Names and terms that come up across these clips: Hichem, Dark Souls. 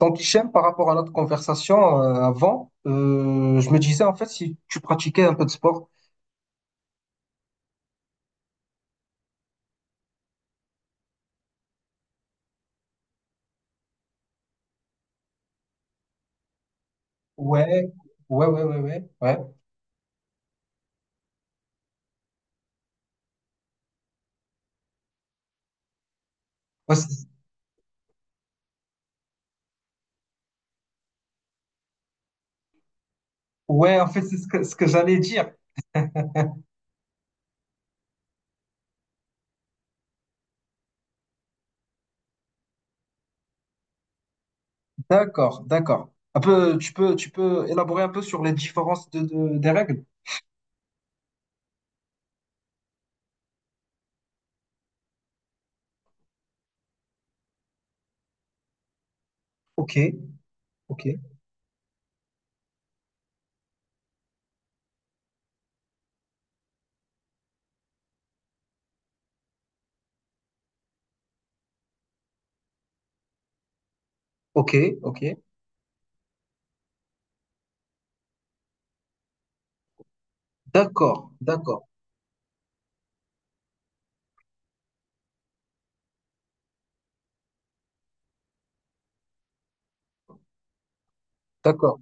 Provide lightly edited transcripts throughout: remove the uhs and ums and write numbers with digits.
Donc, Hichem, par rapport à notre conversation avant, je me disais en fait si tu pratiquais un peu de sport. Ouais, ouais, ouais, ouais, ouais, ouais. Ouais, c'est- ouais, en fait, c'est ce que j'allais dire. D'accord, d'accord. Un peu, tu peux élaborer un peu sur les différences des règles. Ok, ok, ok, ok. D'accord, d'accord, d'accord.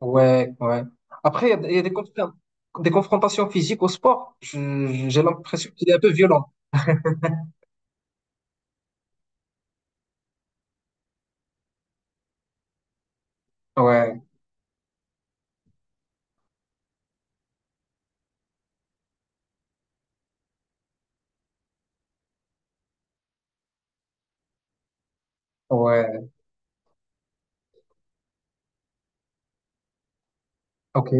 Ouais, ouais. Après, il y a des, des confrontations physiques au sport. J'ai l'impression qu'il est un peu violent. Ouais, ouais, ok,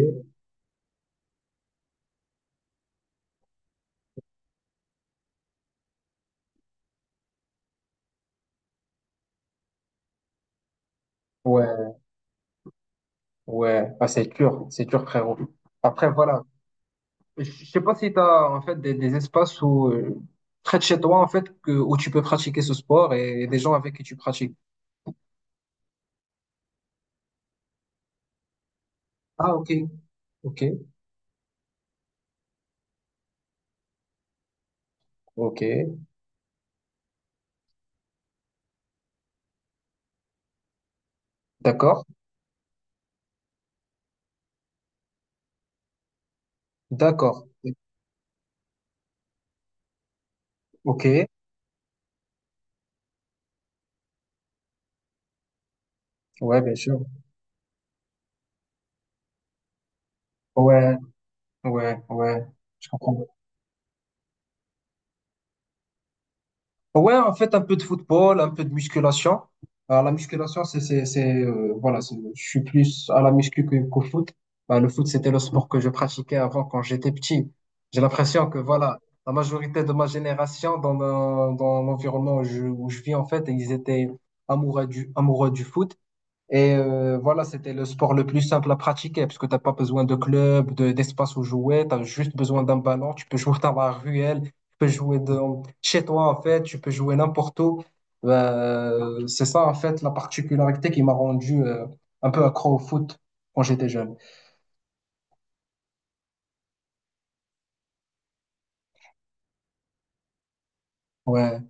ouais. Ouais, ah, c'est dur, frérot. Après, voilà. Je sais pas si tu as en fait des espaces où, près de chez toi, en fait, que, où tu peux pratiquer ce sport et, des gens avec qui tu pratiques. Ah, ok, ok, ok. D'accord, d'accord. Ok, ouais, bien sûr. Ouais, ouais, ouais. Je comprends. Ouais, en fait, un peu de football, un peu de musculation. Alors, la musculation, voilà, je suis plus à la muscu qu'au foot. Bah, le foot, c'était le sport que je pratiquais avant quand j'étais petit. J'ai l'impression que, voilà, la majorité de ma génération, dans l'environnement où je vis, en fait, ils étaient amoureux amoureux du foot. Et voilà, c'était le sport le plus simple à pratiquer parce que tu pas besoin de club, de, d'espace où jouer, tu as juste besoin d'un ballon, tu peux jouer dans la ruelle, tu peux jouer dans, chez toi en fait, tu peux jouer n'importe où. C'est ça en fait la particularité qui m'a rendu un peu accro au foot quand j'étais jeune. Ouais,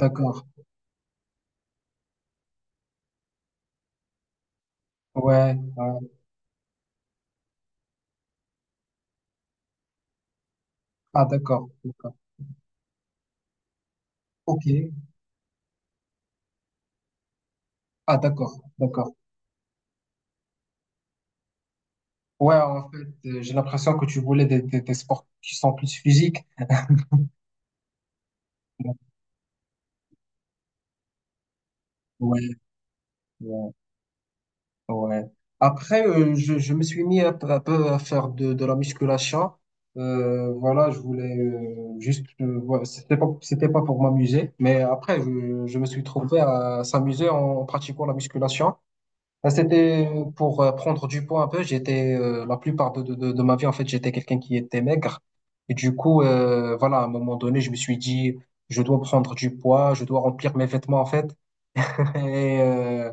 d'accord. Ouais, ouais. Ah d'accord, d'accord. Ok. Ah d'accord, d'accord. Ouais, en fait, j'ai l'impression que tu voulais des sports qui sont plus physiques. Ouais, ouais. Ouais. Après, je me suis mis un peu à faire de la musculation. Voilà, je voulais juste, voilà, c'était pas pour m'amuser, mais après, je me suis trouvé à s'amuser en pratiquant la musculation. C'était pour prendre du poids un peu. J'étais, la plupart de ma vie, en fait, j'étais quelqu'un qui était maigre. Et du coup, voilà, à un moment donné, je me suis dit, je dois prendre du poids, je dois remplir mes vêtements, en fait. Et, euh,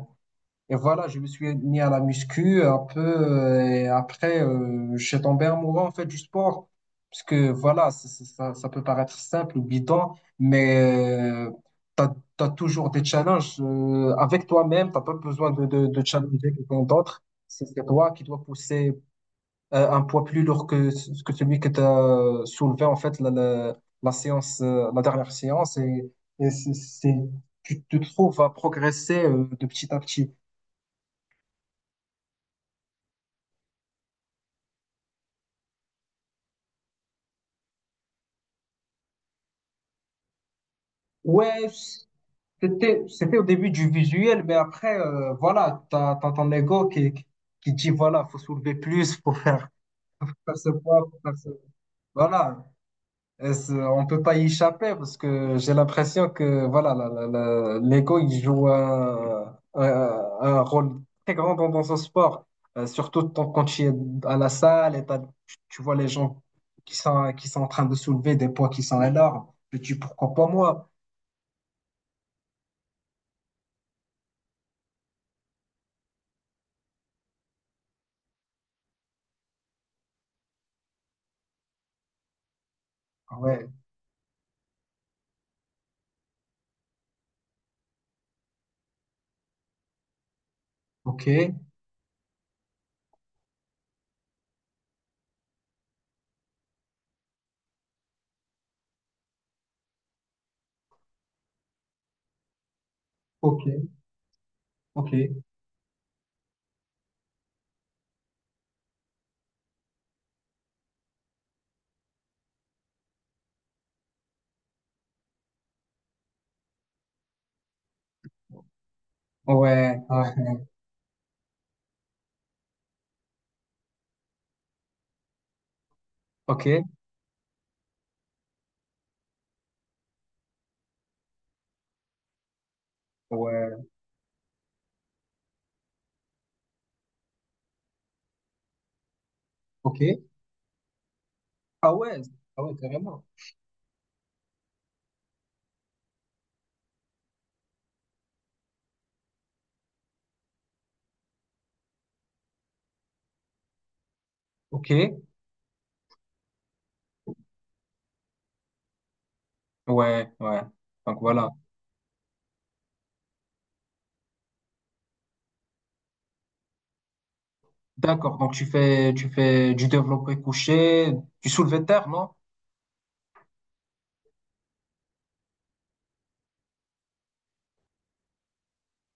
et voilà, je me suis mis à la muscu un peu. Et après, je suis tombé amoureux en fait du sport. Parce que voilà, ça, ça peut paraître simple ou bidon, mais tu as, toujours des challenges avec toi-même. T'as pas besoin de challenger quelqu'un d'autre. C'est toi qui dois pousser un poids plus lourd que, que celui que tu as soulevé en fait la séance, la dernière séance. Et, c'est- tu te trouves à progresser de petit à petit. Ouais, c'était, c'était au début du visuel, mais après, voilà, t'as ton ego qui dit, voilà, faut soulever plus, faut faire ce poids, faut faire ce... Voilà, et c'est- on peut pas y échapper parce que j'ai l'impression que, voilà, l'ego, il joue un rôle très grand dans, dans ce sport. Surtout quand tu es à la salle tu tu vois les gens qui sont en train de soulever des poids qui sont énormes. Tu dis pourquoi pas moi? Ah ouais, ok. Ok. Ok, ouais, ouais, ok, ouais, ok. Ah ouais, ah ouais, carrément. Ok, ouais, ouais. Donc voilà. D'accord, donc tu fais du développé couché, du soulevé de terre, non?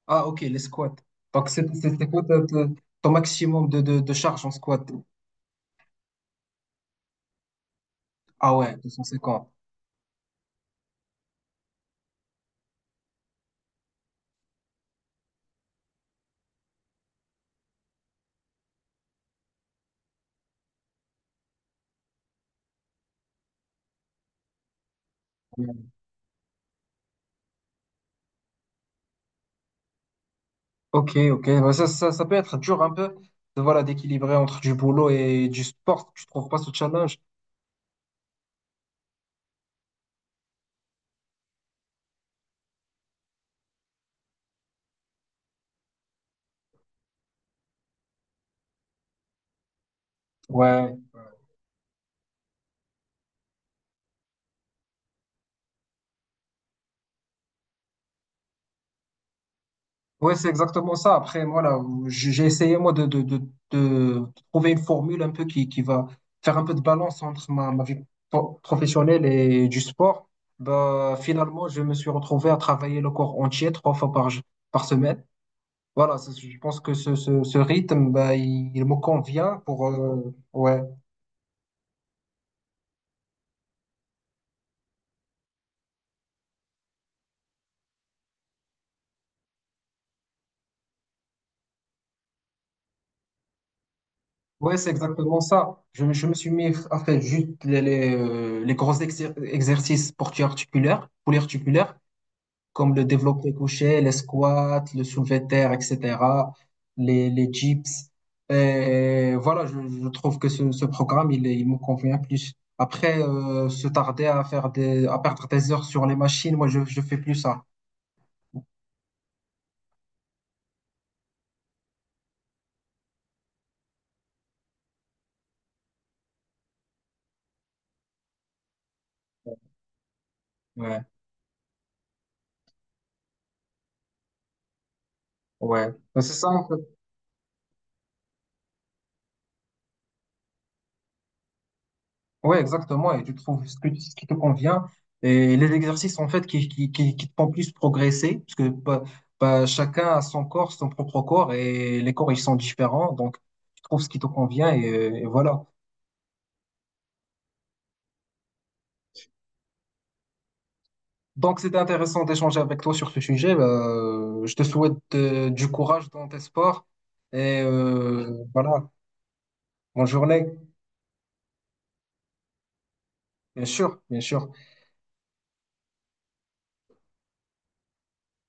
Ah ok, les squats. Donc c'est quoi ton maximum de charge en squat? Ah ouais, 250. Ouais. Ok, ok, ouais, ça peut être dur un peu de, voilà, d'équilibrer entre du boulot et du sport. Tu trouves pas ce challenge? Ouais, oui, c'est exactement ça. Après, moi, là, j'ai essayé, moi, de trouver une formule un peu qui va faire un peu de balance entre ma, ma vie professionnelle et du sport. Bah, finalement, je me suis retrouvé à travailler le corps entier trois fois par semaine. Voilà, c'est- je pense que ce rythme, bah, il me convient pour... ouais, ouais, c'est exactement ça. Je me suis mis à faire juste les gros exercices pour articulaires, pour comme le développé couché, les squats, le soulevé de terre, etc., les dips. Et voilà, je trouve que ce programme, il me convient plus. Après, se tarder à faire des, à perdre des heures sur les machines, moi, je fais plus ça. Ouais, ouais. Ben, c'est ça, en fait. Oui, exactement. Et tu trouves ce que, ce qui te convient. Et les exercices, en fait, qui te font plus progresser, parce que pas chacun a son corps, son propre corps, et les corps, ils sont différents. Donc, tu trouves ce qui te convient, et voilà. Donc, c'était intéressant d'échanger avec toi sur ce sujet. Je te souhaite du courage dans tes sports. Et voilà, bonne journée. Bien sûr, bien sûr.